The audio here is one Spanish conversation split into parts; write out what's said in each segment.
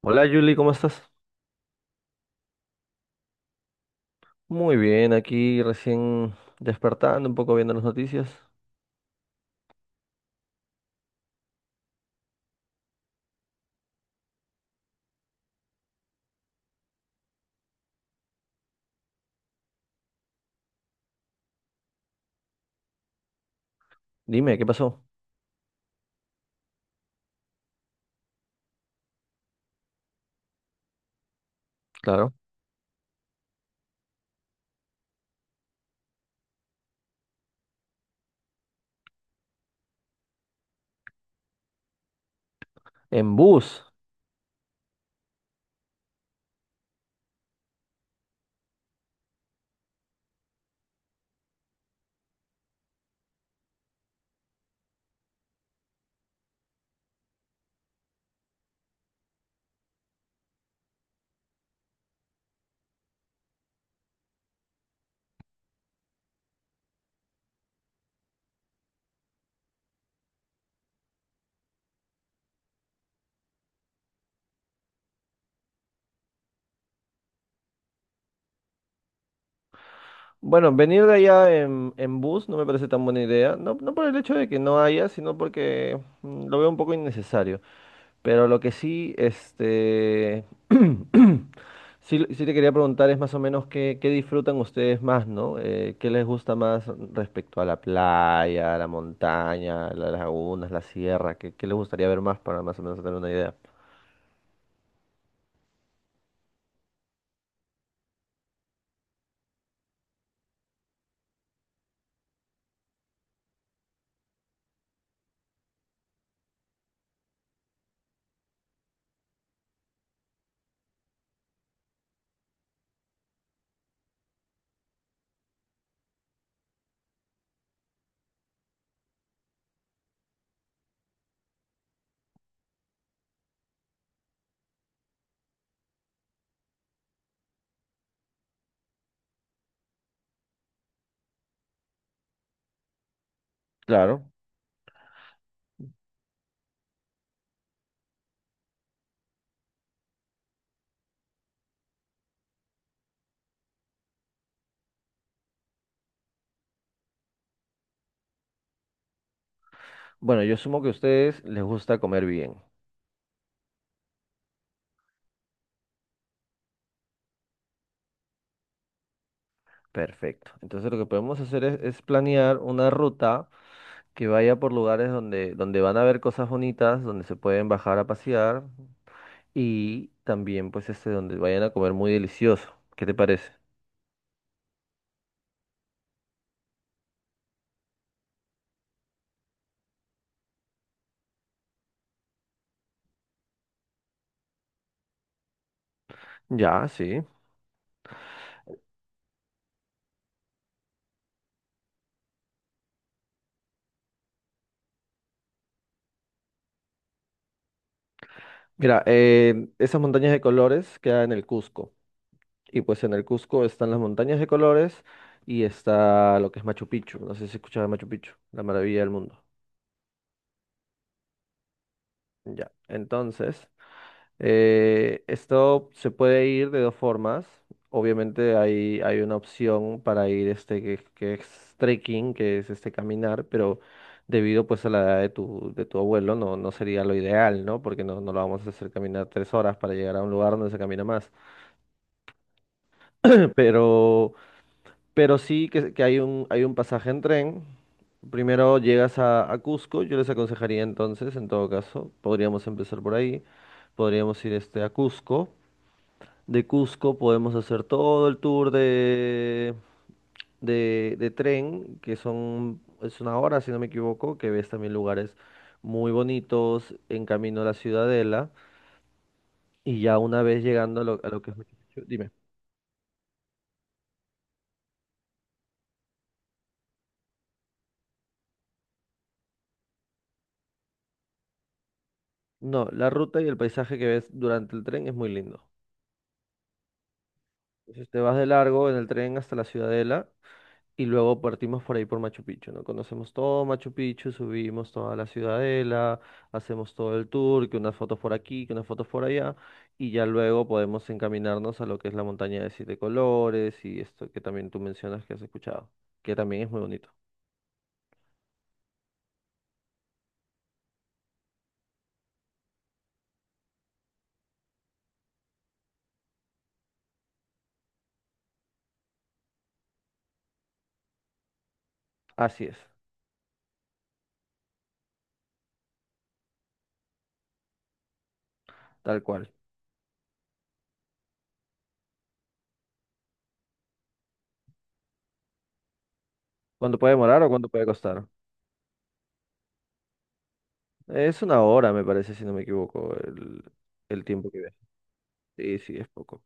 Hola Julie, ¿cómo estás? Muy bien, aquí recién despertando, un poco viendo las noticias. Dime, ¿qué pasó? Claro. En bus. Bueno, venir de allá en bus no me parece tan buena idea. No, no por el hecho de que no haya, sino porque lo veo un poco innecesario. Pero lo que sí, este, sí, sí te quería preguntar es más o menos qué disfrutan ustedes más, ¿no? ¿Qué les gusta más respecto a la playa, a la montaña, a las lagunas, la sierra? ¿Qué les gustaría ver más para más o menos tener una idea? Claro. Bueno, yo asumo que a ustedes les gusta comer bien. Perfecto. Entonces lo que podemos hacer es planear una ruta que vaya por lugares donde van a ver cosas bonitas, donde se pueden bajar a pasear. Y también, pues, este, donde vayan a comer muy delicioso. ¿Qué te parece? Ya, sí. Mira, esas montañas de colores quedan en el Cusco. Y pues en el Cusco están las montañas de colores y está lo que es Machu Picchu. No sé si escuchaba Machu Picchu, la maravilla del mundo. Ya. Entonces, esto se puede ir de dos formas. Obviamente hay una opción para ir este que, es trekking, que es este caminar, pero debido pues a la edad de tu abuelo no, no sería lo ideal, ¿no? Porque no, no lo vamos a hacer caminar 3 horas para llegar a un lugar donde se camina más. Pero, pero sí que hay un pasaje en tren. Primero llegas a, Cusco, yo les aconsejaría entonces, en todo caso, podríamos empezar por ahí, podríamos ir este, a Cusco. De Cusco podemos hacer todo el tour de tren, que son, es 1 hora, si no me equivoco, que ves también lugares muy bonitos en camino a la Ciudadela. Y ya una vez llegando a lo que es Machu Picchu, dime. No, la ruta y el paisaje que ves durante el tren es muy lindo. Entonces te vas de largo en el tren hasta la Ciudadela. Y luego partimos por ahí por Machu Picchu, ¿no? Conocemos todo Machu Picchu, subimos toda la ciudadela, hacemos todo el tour, que unas fotos por aquí, que unas fotos por allá, y ya luego podemos encaminarnos a lo que es la montaña de siete colores y esto que también tú mencionas que has escuchado, que también es muy bonito. Así es, tal cual. ¿Cuánto puede demorar o cuánto puede costar? Es 1 hora, me parece, si no me equivoco, el tiempo que ves. Sí, sí, es poco.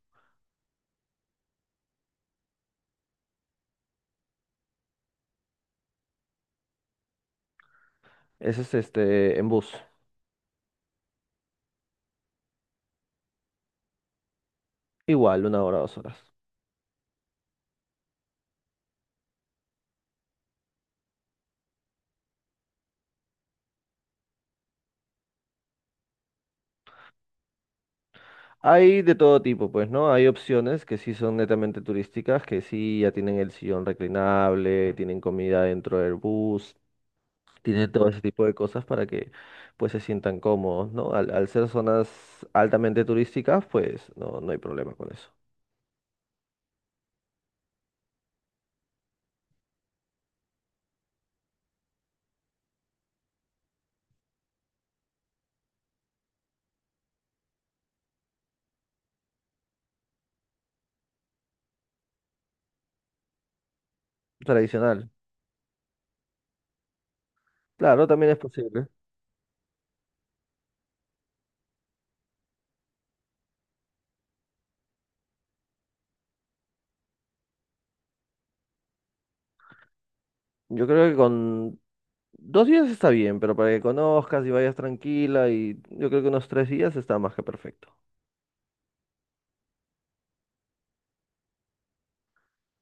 Ese es este, en bus. Igual, 1 hora, 2 horas. Hay de todo tipo, pues, ¿no? Hay opciones que sí son netamente turísticas, que sí ya tienen el sillón reclinable, tienen comida dentro del bus, tienen todo ese tipo de cosas para que, pues, se sientan cómodos, ¿no? Al ser zonas altamente turísticas, pues, no, no hay problema con eso. Tradicional. Claro, también es posible. Yo creo que con 2 días está bien, pero para que conozcas y vayas tranquila y yo creo que unos 3 días está más que perfecto.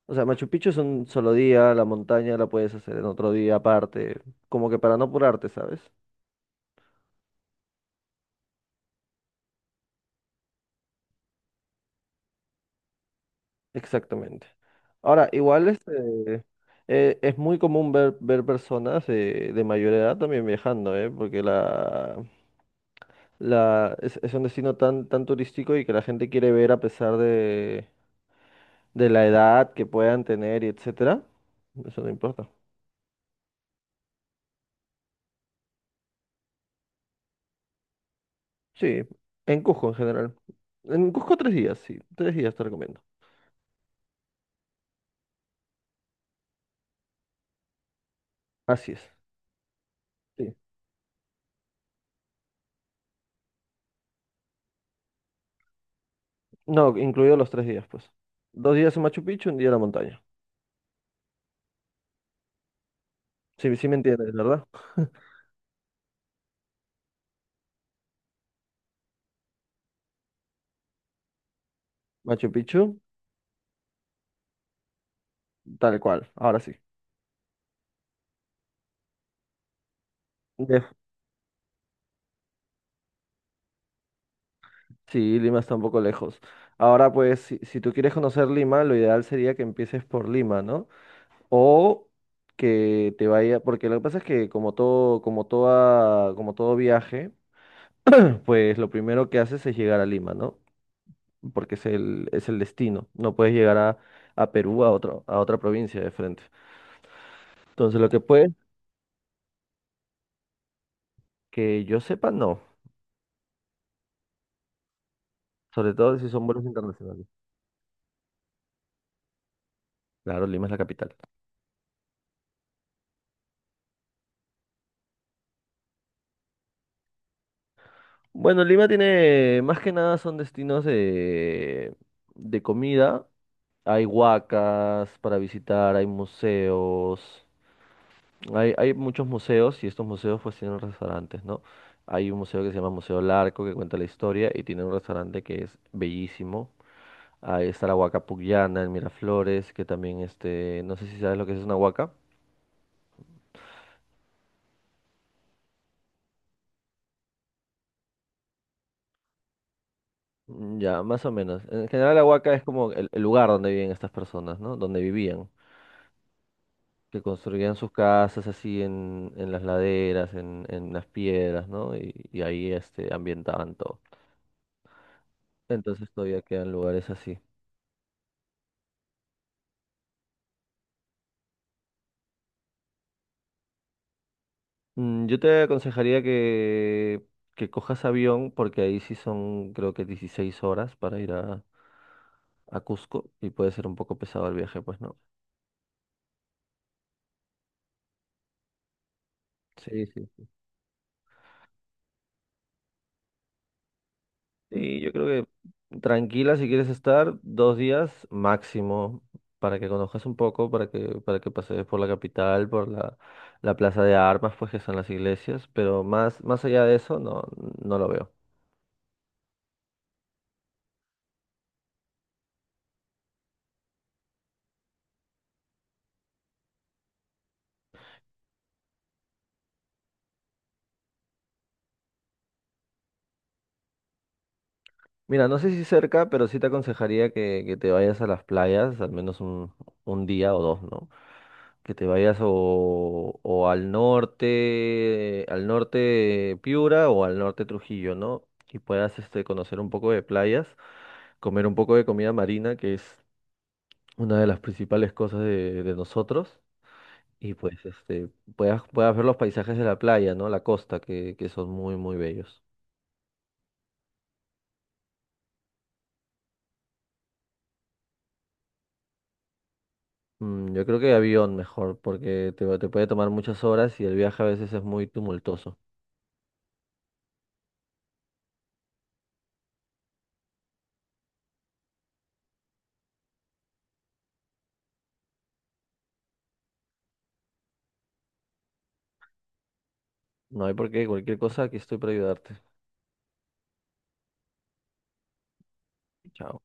O sea, Machu Picchu es un solo día, la montaña la puedes hacer en otro día aparte, como que para no apurarte, ¿sabes? Exactamente. Ahora, igual este, es muy común ver, ver personas de mayor edad también viajando, ¿eh? Porque es un destino tan, tan turístico y que la gente quiere ver a pesar de, la edad que puedan tener y etcétera. Eso no importa. Sí, en Cusco en general. En Cusco 3 días, sí, 3 días te recomiendo. Así es. Sí. No, incluido los 3 días, pues. 2 días en Machu Picchu, 1 día en la montaña. Sí, sí me entiendes, ¿verdad? Machu Picchu, tal cual, ahora sí. De- Sí, Lima está un poco lejos. Ahora, pues, si, tú quieres conocer Lima, lo ideal sería que empieces por Lima, ¿no? O que te vaya, porque lo que pasa es que como todo viaje, pues lo primero que haces es llegar a Lima, ¿no? Porque es el destino. No puedes llegar a, Perú, a otra provincia de frente. Entonces, lo que puedes... Que yo sepa, no. Sobre todo si son vuelos internacionales. Claro, Lima es la capital. Bueno, Lima tiene, más que nada son destinos de comida. Hay huacas para visitar, hay museos. Hay muchos museos y estos museos pues tienen restaurantes, ¿no? Hay un museo que se llama Museo Larco que cuenta la historia y tiene un restaurante que es bellísimo. Ahí está la huaca Pullana en Miraflores, que también este, no sé si sabes lo que es una huaca. Mm, ya, más o menos. En general, la Huaca es como el lugar donde viven estas personas, ¿no? Donde vivían, que construían sus casas así en, las laderas, en las piedras, ¿no? Y ahí este, ambientaban todo. Entonces todavía quedan lugares así. Yo te aconsejaría que, cojas avión, porque ahí sí son, creo que 16 horas para ir a Cusco y puede ser un poco pesado el viaje, pues, ¿no? Sí, sí. Sí, yo creo que tranquila si quieres estar 2 días máximo para que conozcas un poco, para que pasees por la capital, por la plaza de armas, pues que son las iglesias, pero más allá de eso no, no lo veo. Mira, no sé si cerca, pero sí te aconsejaría que te vayas a las playas, al menos un día o dos, ¿no? Que te vayas o, al norte Piura o al norte Trujillo, ¿no? Y puedas este, conocer un poco de playas, comer un poco de comida marina, que es una de las principales cosas de nosotros, y pues este, puedas ver los paisajes de la playa, ¿no? La costa, que son muy, muy bellos. Yo creo que avión mejor, porque te puede tomar muchas horas y el viaje a veces es muy tumultuoso. No hay por qué, cualquier cosa, aquí estoy para ayudarte. Chao.